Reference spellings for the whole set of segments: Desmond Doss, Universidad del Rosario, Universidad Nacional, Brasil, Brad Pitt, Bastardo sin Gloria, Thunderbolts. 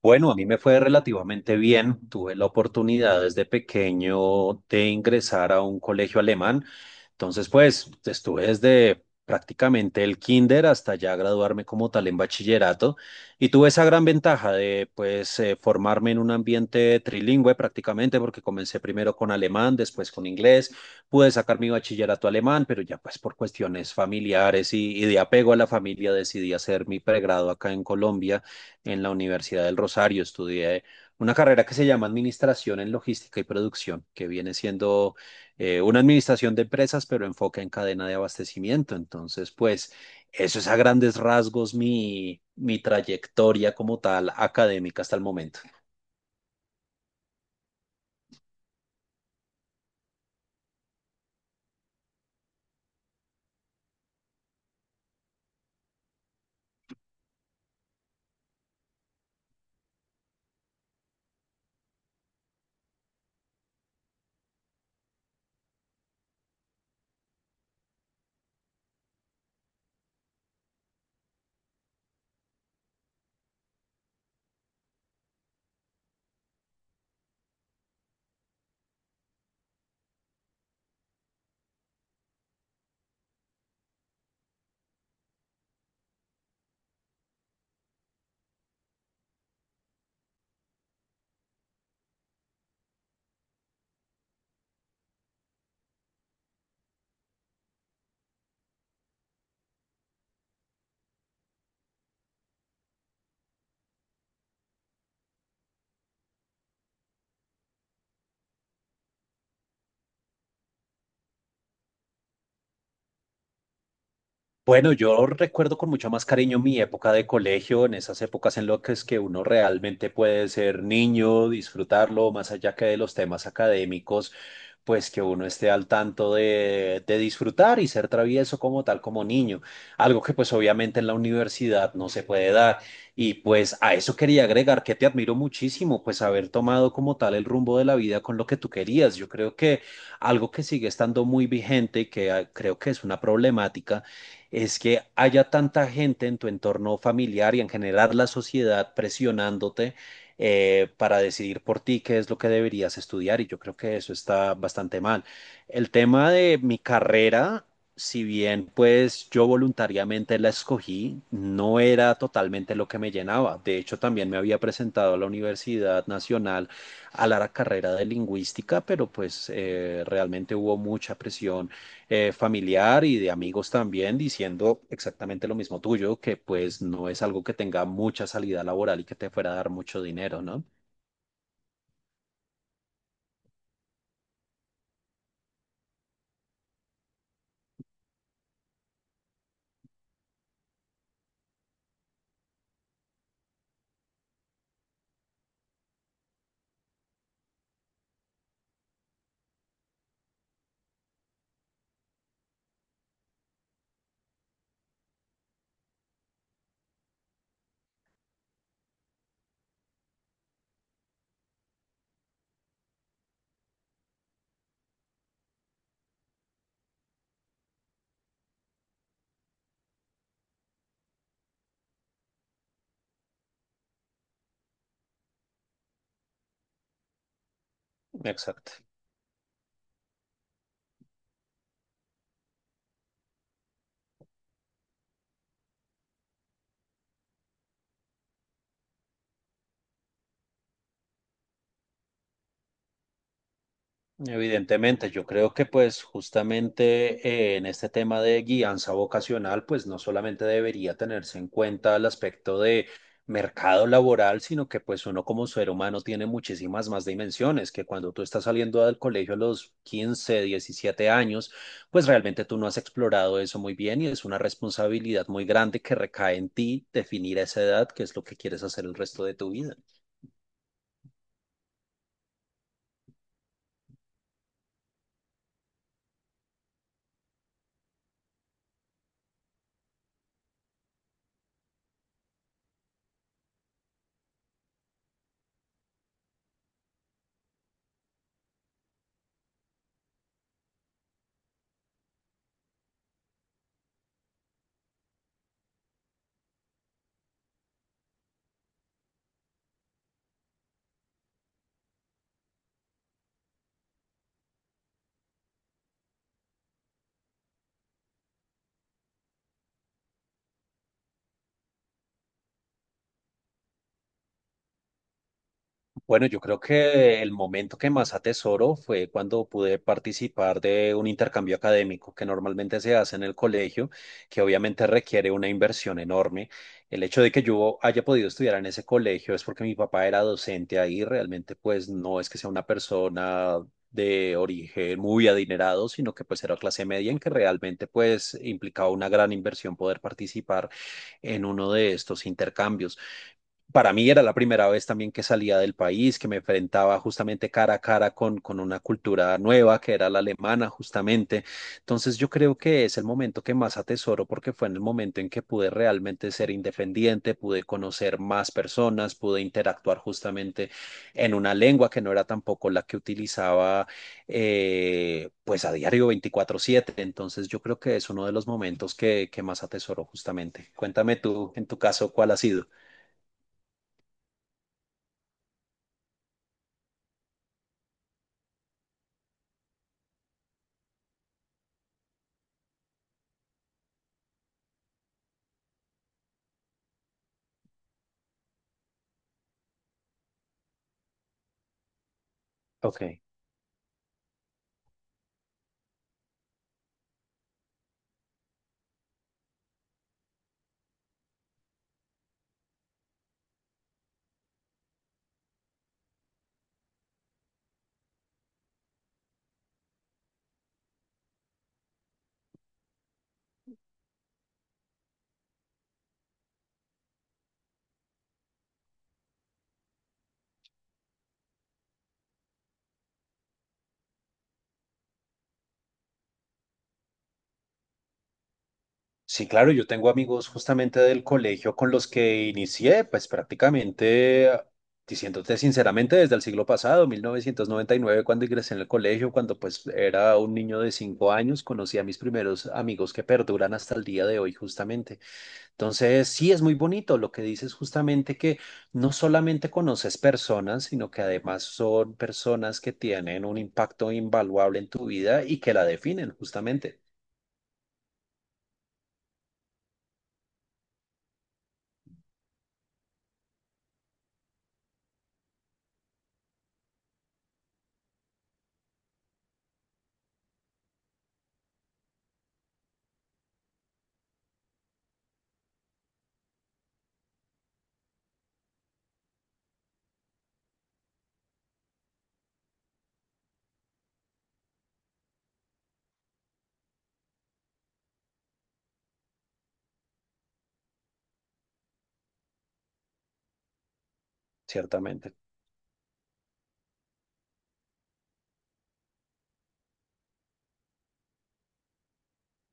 Bueno, a mí me fue relativamente bien. Tuve la oportunidad desde pequeño de ingresar a un colegio alemán. Entonces, pues, estuve desde prácticamente el kinder hasta ya graduarme como tal en bachillerato y tuve esa gran ventaja de, pues, formarme en un ambiente trilingüe prácticamente porque comencé primero con alemán, después con inglés. Pude sacar mi bachillerato alemán, pero ya pues por cuestiones familiares y de apego a la familia decidí hacer mi pregrado acá en Colombia en la Universidad del Rosario. Estudié una carrera que se llama Administración en Logística y Producción, que viene siendo una administración de empresas, pero enfoca en cadena de abastecimiento. Entonces, pues eso es a grandes rasgos mi trayectoria como tal académica hasta el momento. Bueno, yo recuerdo con mucho más cariño mi época de colegio, en esas épocas en las que es que uno realmente puede ser niño, disfrutarlo, más allá que de los temas académicos, pues que uno esté al tanto de disfrutar y ser travieso como tal, como niño, algo que pues obviamente en la universidad no se puede dar. Y pues a eso quería agregar que te admiro muchísimo, pues haber tomado como tal el rumbo de la vida con lo que tú querías. Yo creo que algo que sigue estando muy vigente y que creo que es una problemática es que haya tanta gente en tu entorno familiar y en general la sociedad presionándote para decidir por ti qué es lo que deberías estudiar y yo creo que eso está bastante mal. El tema de mi carrera, si bien pues yo voluntariamente la escogí, no era totalmente lo que me llenaba. De hecho, también me había presentado a la Universidad Nacional a la carrera de lingüística, pero pues realmente hubo mucha presión familiar y de amigos también diciendo exactamente lo mismo tuyo, que pues no es algo que tenga mucha salida laboral y que te fuera a dar mucho dinero, ¿no? Exacto. Evidentemente, yo creo que pues justamente en este tema de guianza vocacional, pues no solamente debería tenerse en cuenta el aspecto de mercado laboral, sino que pues uno como ser humano tiene muchísimas más dimensiones, que cuando tú estás saliendo del colegio a los 15, 17 años, pues realmente tú no has explorado eso muy bien y es una responsabilidad muy grande que recae en ti definir a esa edad, qué es lo que quieres hacer el resto de tu vida. Bueno, yo creo que el momento que más atesoro fue cuando pude participar de un intercambio académico que normalmente se hace en el colegio, que obviamente requiere una inversión enorme. El hecho de que yo haya podido estudiar en ese colegio es porque mi papá era docente ahí, realmente pues no es que sea una persona de origen muy adinerado, sino que pues era clase media en que realmente pues implicaba una gran inversión poder participar en uno de estos intercambios para mí era la primera vez también que salía del país, que me enfrentaba justamente cara a cara con una cultura nueva, que era la alemana, justamente. Entonces yo creo que es el momento que más atesoro porque fue en el momento en que pude realmente ser independiente, pude conocer más personas, pude interactuar justamente en una lengua que no era tampoco la que utilizaba pues a diario 24/7. Entonces yo creo que es uno de los momentos que más atesoro justamente. Cuéntame tú, en tu caso, ¿cuál ha sido? Ok. Sí, claro, yo tengo amigos justamente del colegio con los que inicié, pues prácticamente, diciéndote sinceramente, desde el siglo pasado, 1999, cuando ingresé en el colegio, cuando pues era un niño de 5 años, conocí a mis primeros amigos que perduran hasta el día de hoy justamente. Entonces, sí, es muy bonito lo que dices justamente que no solamente conoces personas, sino que además son personas que tienen un impacto invaluable en tu vida y que la definen justamente, ciertamente.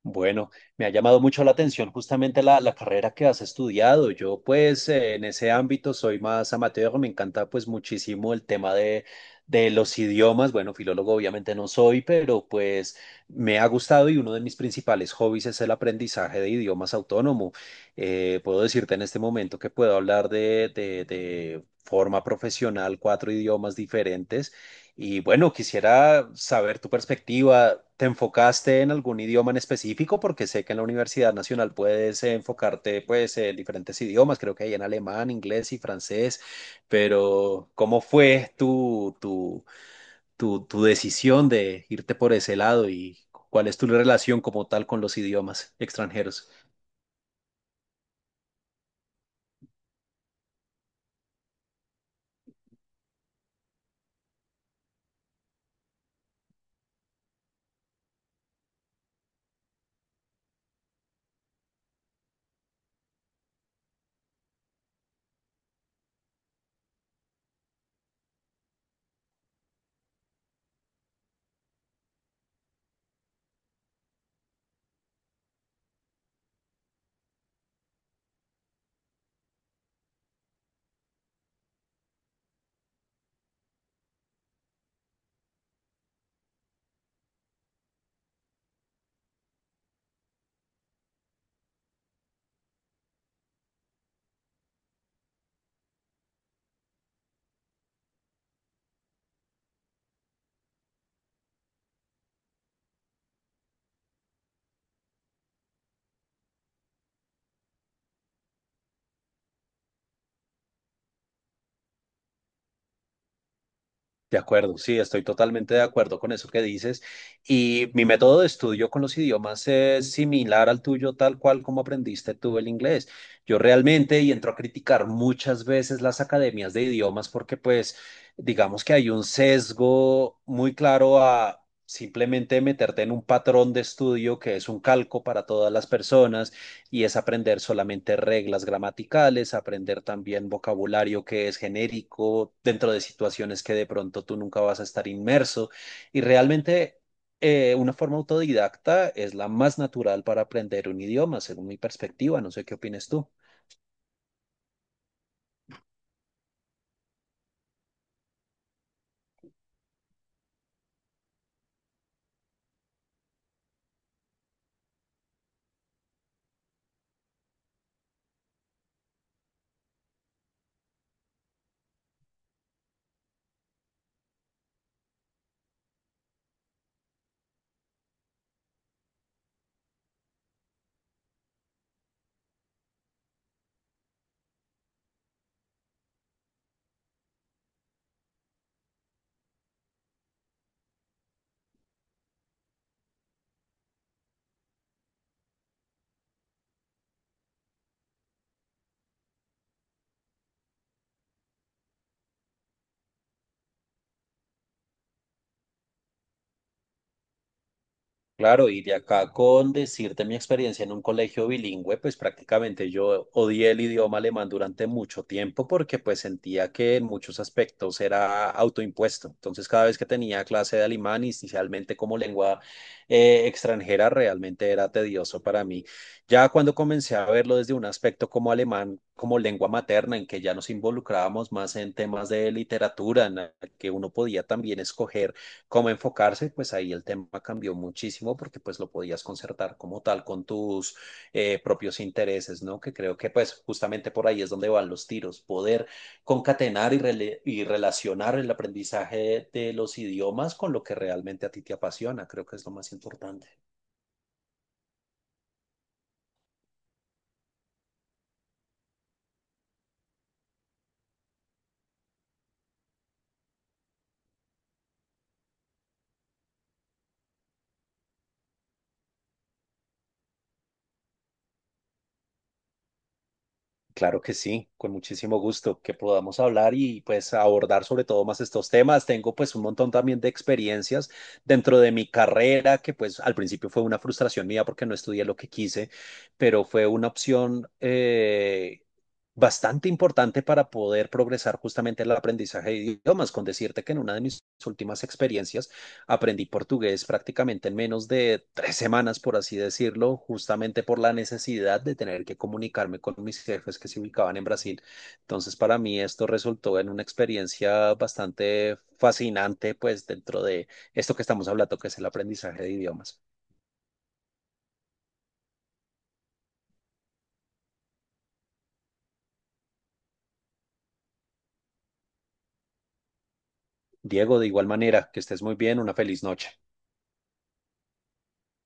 Bueno, me ha llamado mucho la atención justamente la carrera que has estudiado. Yo pues en ese ámbito soy más amateur, me encanta pues muchísimo el tema de los idiomas. Bueno, filólogo obviamente no soy, pero pues me ha gustado y uno de mis principales hobbies es el aprendizaje de idiomas autónomo. Puedo decirte en este momento que puedo hablar de forma profesional cuatro idiomas diferentes. Y bueno, quisiera saber tu perspectiva. ¿Te enfocaste en algún idioma en específico? Porque sé que en la Universidad Nacional puedes enfocarte pues en diferentes idiomas, creo que hay en alemán, inglés y francés, pero ¿cómo fue tu decisión de irte por ese lado y cuál es tu relación como tal con los idiomas extranjeros? De acuerdo, sí, estoy totalmente de acuerdo con eso que dices. Y mi método de estudio con los idiomas es similar al tuyo, tal cual como aprendiste tú el inglés. Yo realmente, y entro a criticar muchas veces las academias de idiomas porque pues digamos que hay un sesgo muy claro a simplemente meterte en un patrón de estudio que es un calco para todas las personas y es aprender solamente reglas gramaticales, aprender también vocabulario que es genérico dentro de situaciones que de pronto tú nunca vas a estar inmerso y realmente... una forma autodidacta es la más natural para aprender un idioma, según mi perspectiva. No sé qué opinas tú. Claro, y de acá con decirte mi experiencia en un colegio bilingüe, pues prácticamente yo odié el idioma alemán durante mucho tiempo porque pues sentía que en muchos aspectos era autoimpuesto. Entonces cada vez que tenía clase de alemán, inicialmente como lengua extranjera, realmente era tedioso para mí. Ya cuando comencé a verlo desde un aspecto como alemán, como lengua materna, en que ya nos involucrábamos más en temas de literatura, en la que uno podía también escoger cómo enfocarse, pues ahí el tema cambió muchísimo porque pues lo podías concertar como tal con tus propios intereses, ¿no? Que creo que pues justamente por ahí es donde van los tiros, poder concatenar y relacionar el aprendizaje de los idiomas con lo que realmente a ti te apasiona, creo que es lo más importante. Claro que sí, con muchísimo gusto que podamos hablar y pues abordar sobre todo más estos temas. Tengo pues un montón también de experiencias dentro de mi carrera que pues al principio fue una frustración mía porque no estudié lo que quise, pero fue una opción bastante importante para poder progresar justamente en el aprendizaje de idiomas, con decirte que en una de mis últimas experiencias aprendí portugués prácticamente en menos de 3 semanas, por así decirlo, justamente por la necesidad de tener que comunicarme con mis jefes que se ubicaban en Brasil. Entonces, para mí esto resultó en una experiencia bastante fascinante, pues dentro de esto que estamos hablando, que es el aprendizaje de idiomas. Diego, de igual manera, que estés muy bien, una feliz noche.